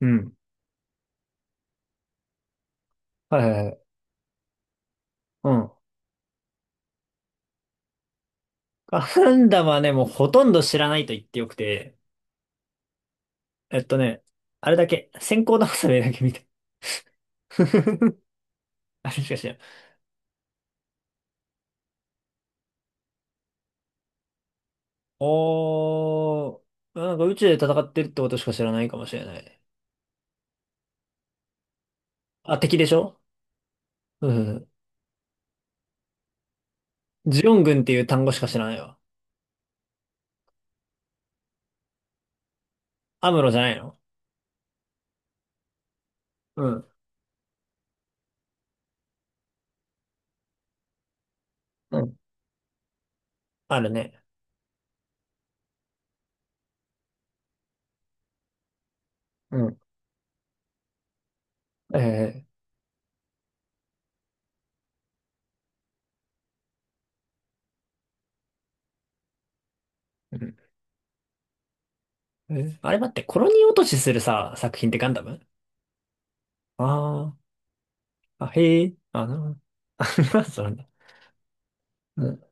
うん。はいはいはい。うん。ガンダムはね、もうほとんど知らないと言ってよくて、えっとね、あれだけ、先行倒されだけ見た。あれしか知らない。おー、なんか宇宙で戦ってるってことしか知らないかもしれない。あ、敵でしょ？うん。ジオン軍っていう単語しか知らないわ。アムロじゃないの？うん。うん。あるね。うん。えー、うん。え、あれ待って、コロニー落としするさ、作品ってガンダム？あー、あ、へえ、あ、そうなんだ。うん。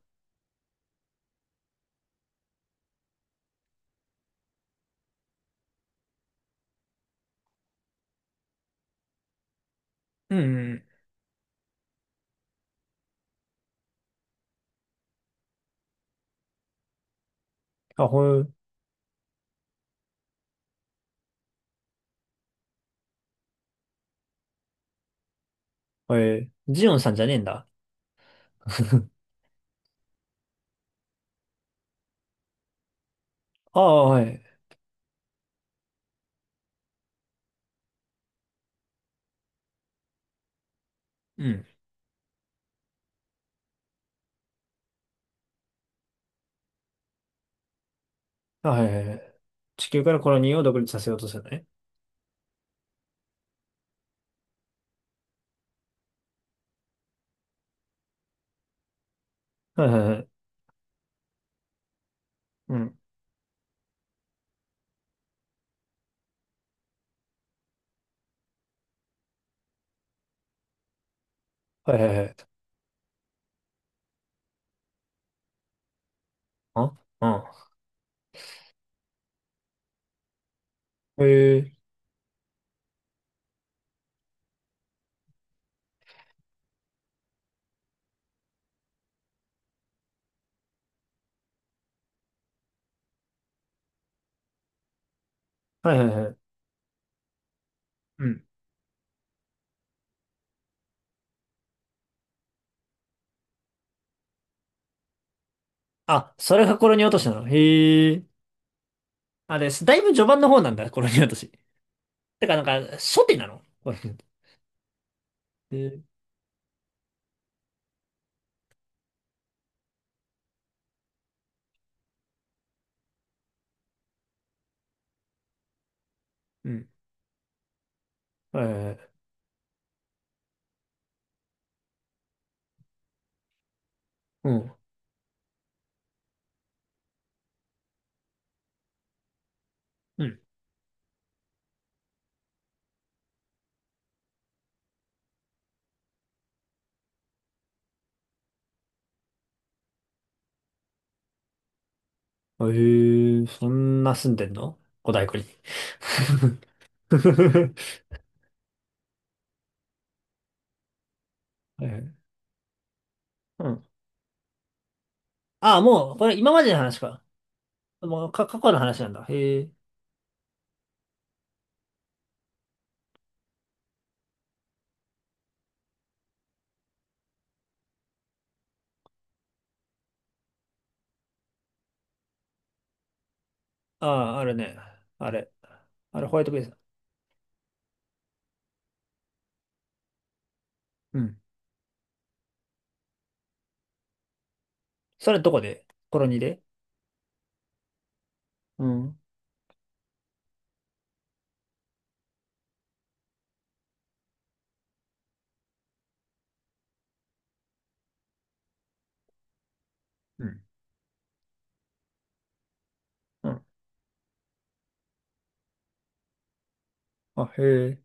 うん。あ、ほん、えー、ジオンさんじゃねえんだ。ああ、はい。うん。あ、はいはいはい。地球からコロニーを独立させようとするのね。はいはいはい。うん。はいはいはい。あ、うん。へえ。はいはいはい。うん。あ、それがコロニー落としなの。へえ。あ、ですだいぶ序盤の方なんだ、コロニー落とし。てか、初手なの。コロニー落とし？へえ。うん。はいはいはい。うん。うん。へえ、そんな住んでんの五大湖に？はいはい。うん。ああ、もう、これ今までの話か。もう、か、過去の話なんだ。へえ。ああ、あれね。あれ。あれ、ホワイトベース。うん。それどこでコロニーで？うん。うん。うん。あ、へえ。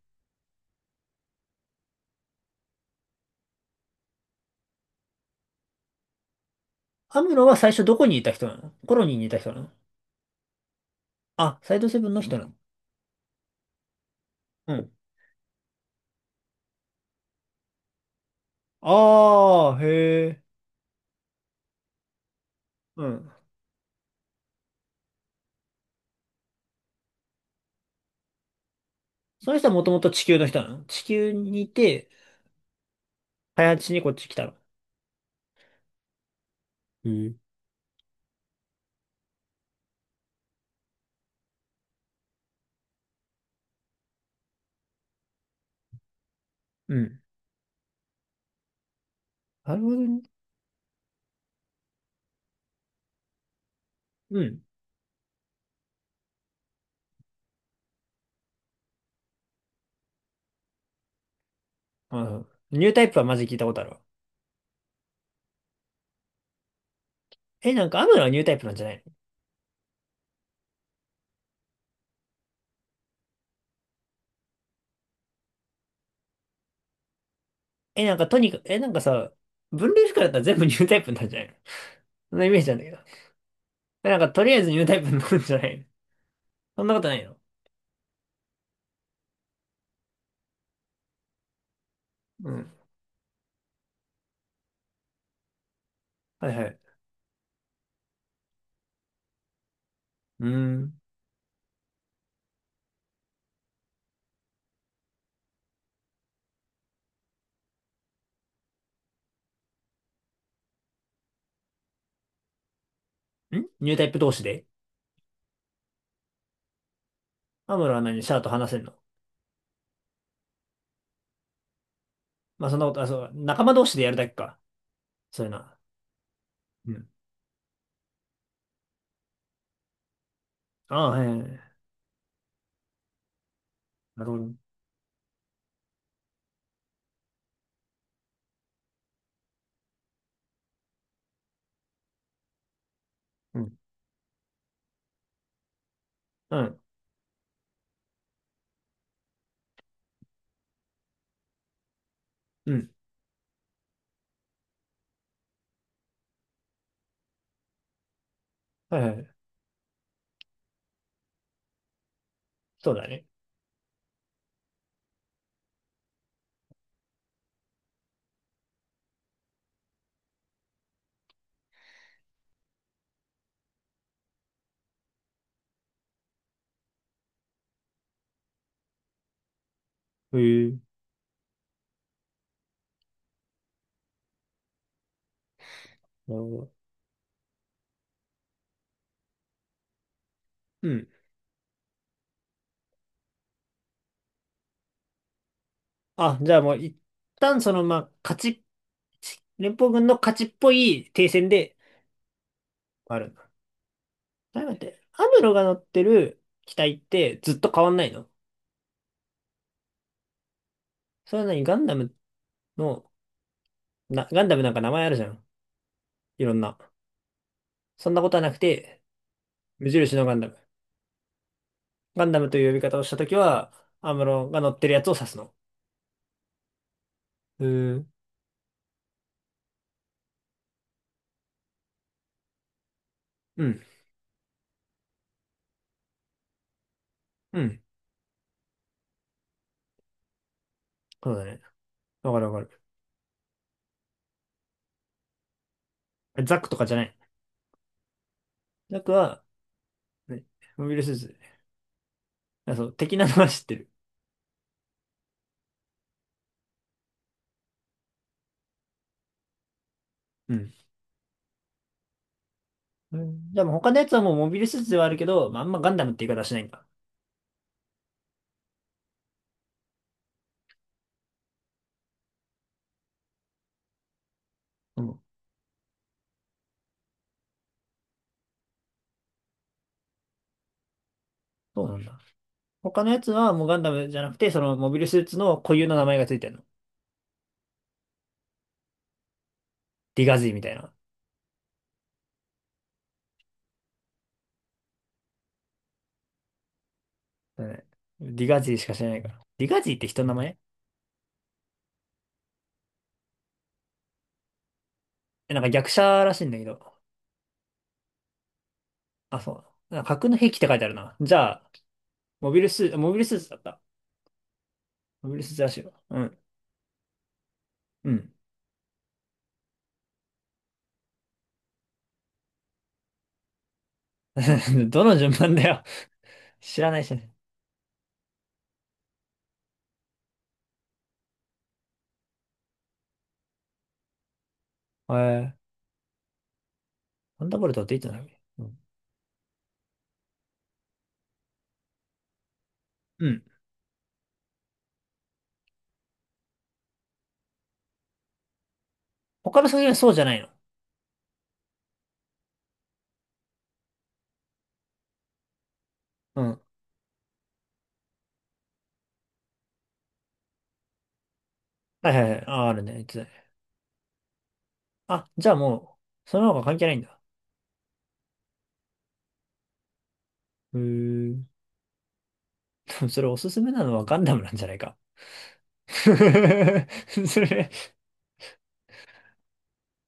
アムロは最初どこにいた人なの？コロニーにいた人なの？あ、サイドセブンの人なの？うん。ああ、へえ。うん。その人はもともと地球の人なの？地球にいて、開発しにこっち来たの。へえ。うん。なるほどね。うん。あ、ニュータイプはマジ聞いたことあるわ。え、なんかアムロはニュータイプなんじゃないの？え、なんかとにかく、え、なんかさ、分類不可だったら全部ニュータイプになるんじゃないの？そんなイメージなんだけど。え、なんかとりあえずニュータイプになるんじゃないの？そんなことないの？うん。はいはい。うーん。ん。ニュータイプ同士で？アムロは何？シャアと話せんの？まあそんなこと、あ、そう、仲間同士でやるだけか。そういうのは。うん。ああ、はいはいはい。なるほど。うん。うん。うん。はいはい。そうだね。へえ。なるほど。うん。あ、じゃあもう一旦その、まあ、勝ち、連邦軍の勝ちっぽい停戦で、ある。なんだって、アムロが乗ってる機体ってずっと変わんないの？それは何ガンダムの、な、ガンダムなんか名前あるじゃん。いろんな。そんなことはなくて、無印のガンダム。ガンダムという呼び方をしたときは、アムロが乗ってるやつを指すの。うーん。うん。うん。そうだね。わかるわかる。ザックとかじゃない？ザックは、ね、モビルスーツ。あ、そう、的なのは知ってる。うん。うん。でも他のやつはもうモビルスーツではあるけど、まあ、あんまガンダムって言い方はしないんだ。うん。そうなんだ。他のやつはもうガンダムじゃなくて、そのモビルスーツの固有の名前がついてるの。ディガジーみたいな。だね。ディガジーしか知らないから。ディガジーって人の名前？え、なんか逆者らしいんだけど。あ、そう。なんか格の兵器って書いてあるな。じゃあ、モビルスーツだった。モビルスーツらしいわ。うん。うん。どの順番だよ。知らないしね。えー、サンダーボルトっていつない？うん。うん。他の作品はそうじゃないの？うん。はいはいはい。あ、あるね。いつだね。あ、じゃあもう、その方が関係ないんだ。へー。それおすすめなのはガンダムなんじゃないか。それ